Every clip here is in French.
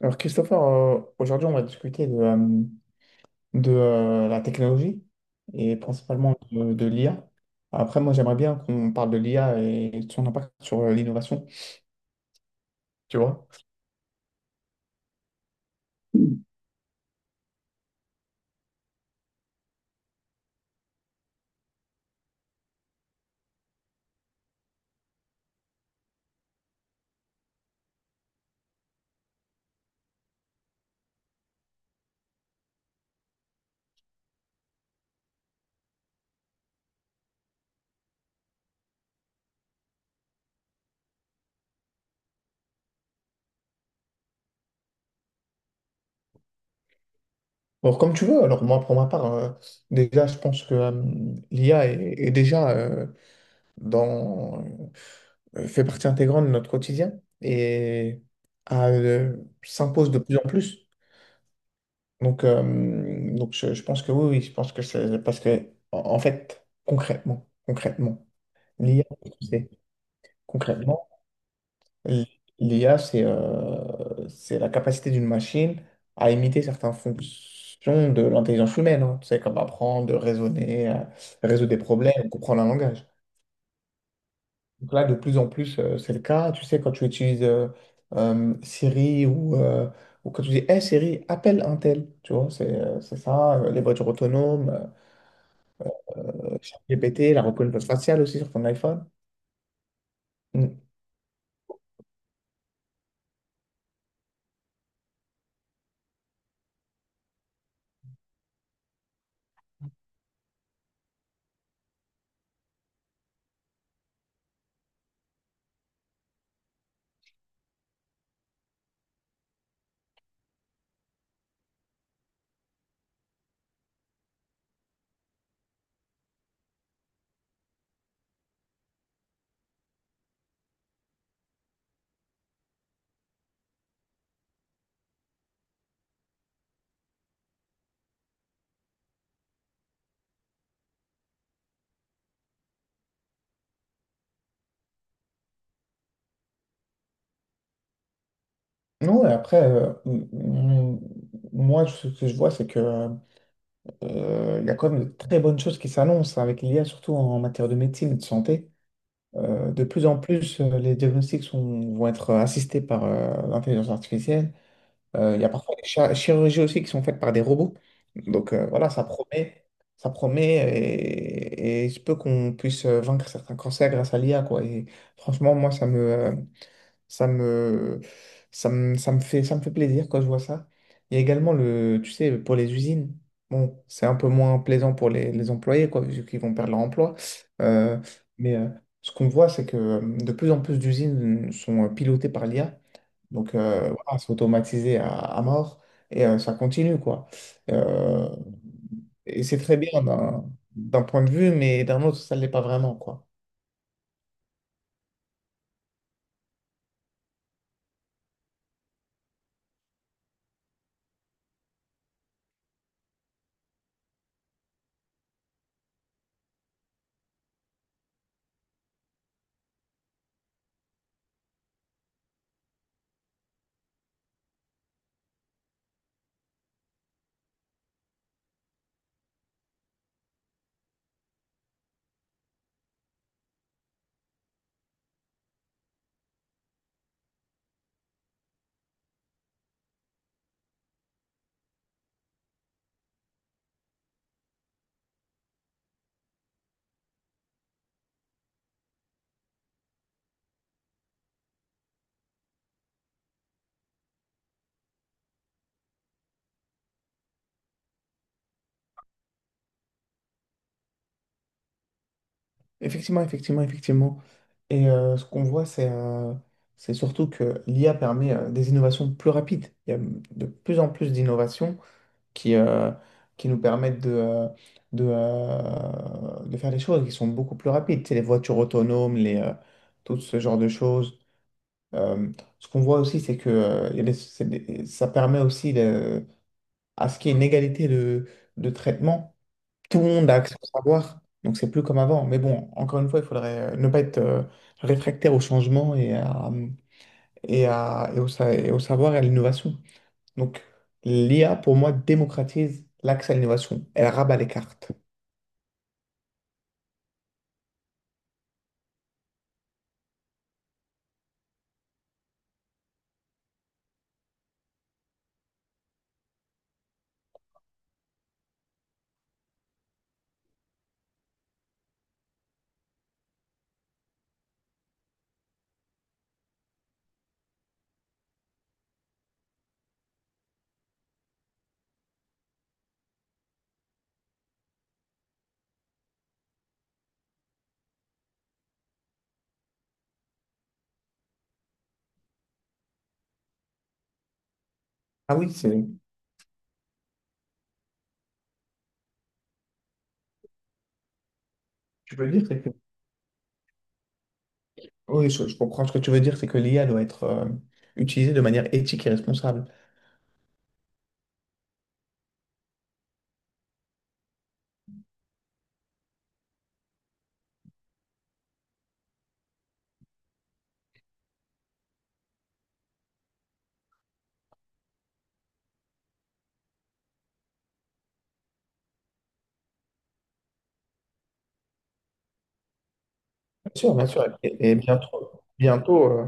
Alors Christopher, aujourd'hui on va discuter de la technologie et principalement de l'IA. Après moi j'aimerais bien qu'on parle de l'IA et de son impact sur l'innovation, tu vois. Mm. Alors comme tu veux, alors moi pour ma part, déjà je pense que l'IA est déjà dans, fait partie intégrante de notre quotidien et a, euh, s'impose de plus en plus. Donc, je pense que oui, oui, je pense que c'est parce que, en fait, concrètement, concrètement, l'IA, c'est concrètement, l'IA, c'est la capacité d'une machine à imiter certaines fonctions de l'intelligence humaine, hein. Tu sais, comme apprendre, raisonner, résoudre des problèmes, comprendre un langage. Donc là, de plus en plus, c'est le cas. Tu sais, quand tu utilises Siri, ou ou quand tu dis, Hey Siri, appelle un tel, tu vois, c'est ça, les voitures autonomes. GPT, la reconnaissance faciale aussi sur ton iPhone. Mm. Non, et après, mm, moi, ce que je vois, c'est que il y a quand même de très bonnes choses qui s'annoncent avec l'IA, surtout en matière de médecine et de santé. De plus en plus, les diagnostics vont être assistés par l'intelligence artificielle. Il y a parfois des chirurgies aussi qui sont faites par des robots. Donc voilà, ça promet et il se peut qu'on puisse vaincre certains cancers grâce à l'IA, quoi. Et franchement, moi, euh, Ça me, ça me fait plaisir quand je vois ça. Il y a également le, tu sais, pour les usines, bon, c'est un peu moins plaisant pour les employés, quoi, vu qu'ils vont perdre leur emploi. Euh, mais ce qu'on voit, c'est que de plus en plus d'usines sont pilotées par l'IA. Donc, voilà, c'est automatisé à mort et ça continue, quoi. Euh, et c'est très bien d'un point de vue, mais d'un autre, ça ne l'est pas vraiment, quoi. Effectivement, effectivement, effectivement. Et ce qu'on voit, c'est surtout que l'IA permet des innovations plus rapides. Il y a de plus en plus d'innovations qui, euh, qui nous permettent de faire des choses qui sont beaucoup plus rapides. C'est les voitures autonomes, tout ce genre de choses. Euh, ce qu'on voit aussi, c'est que il y a des- c'est des- ça permet aussi de- à ce qu'il y ait une égalité de traitement. Tout le monde a accès au savoir, donc c'est plus comme avant. Mais bon, encore une fois, il faudrait ne pas être réfractaire au changement et au savoir et à l'innovation. Donc l'IA, pour moi, démocratise l'accès à l'innovation. Elle rabat les cartes. Ah oui, c'est. Tu peux dire, c'est que. Oui, je comprends ce que tu veux dire, c'est que l'IA doit être utilisée de manière éthique et responsable. Bien sûr, bien sûr. Et, bientôt, bientôt,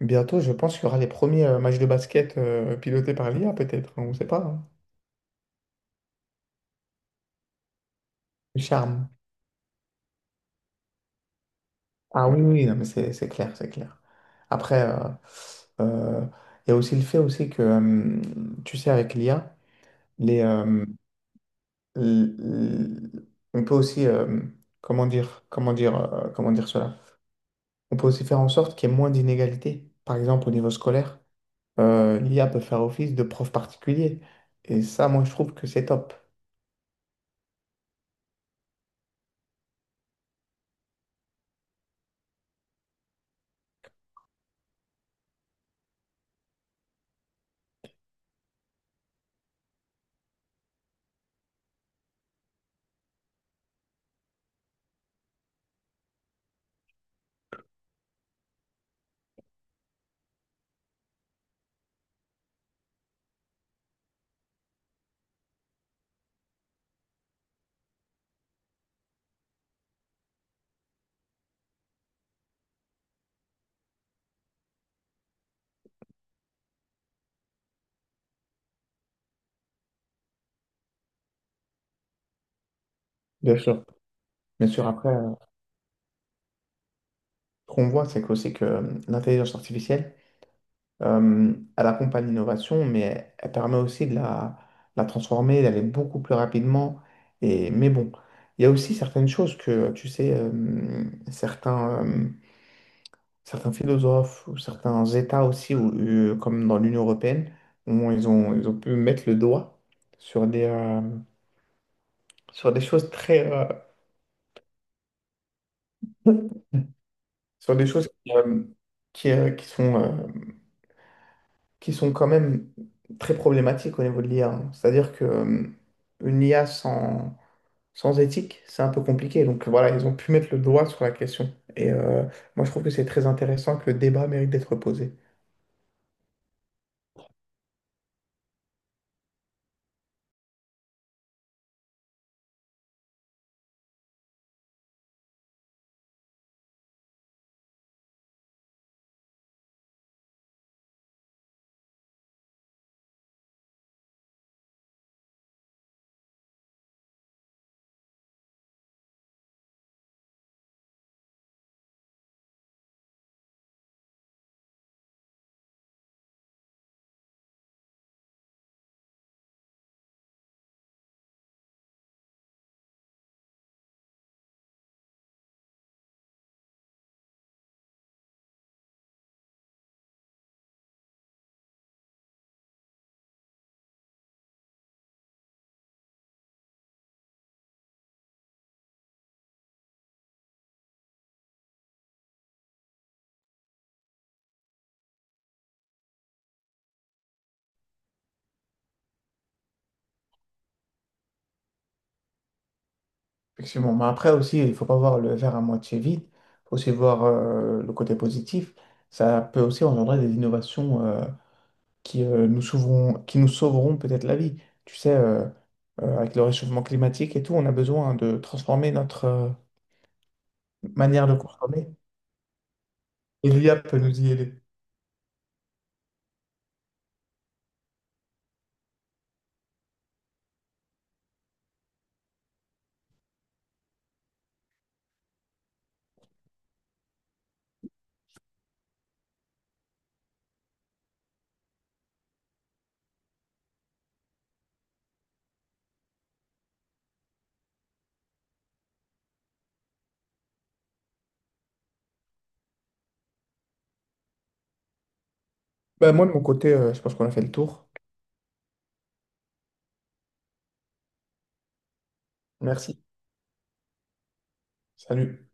bientôt, je pense qu'il y aura les premiers matchs de basket pilotés par l'IA, peut-être. On ne sait pas, hein. Le charme. Ah oui, oui, non, mais c'est clair, c'est clair. Après, euh, il y a aussi le fait aussi que, tu sais, avec l'IA, les, euh, l- l- on peut aussi, comment dire, comment dire, comment dire cela? On peut aussi faire en sorte qu'il y ait moins d'inégalités. Par exemple, au niveau scolaire, l'IA peut faire office de prof particulier. Et ça, moi, je trouve que c'est top. Bien sûr. Bien sûr, après, ce qu'on voit, c'est que aussi que l'intelligence artificielle, elle accompagne l'innovation, mais elle permet aussi de la transformer, d'aller beaucoup plus rapidement. Et, mais bon, il y a aussi certaines choses que, tu sais, certains, euh, certains philosophes ou certains États aussi, ou, comme dans l'Union européenne, où ils ont pu mettre le doigt sur des, euh, sur des choses très, sur des choses qui, euh, qui sont, euh, qui sont quand même très problématiques au niveau de l'IA, hein. C'est-à-dire que une IA sans éthique, c'est un peu compliqué. Donc voilà, ils ont pu mettre le doigt sur la question. Et moi, je trouve que c'est très intéressant que le débat mérite d'être posé. Effectivement. Mais après aussi, il ne faut pas voir le verre à moitié vide. Il faut aussi voir le côté positif. Ça peut aussi engendrer des innovations qui nous sauveront, qui nous sauveront peut-être la vie. Tu sais, avec le réchauffement climatique et tout, on a besoin de transformer notre, manière de consommer. Et l'IA peut nous y aider. Ben, moi, de mon côté, je pense qu'on a fait le tour. Merci. Salut.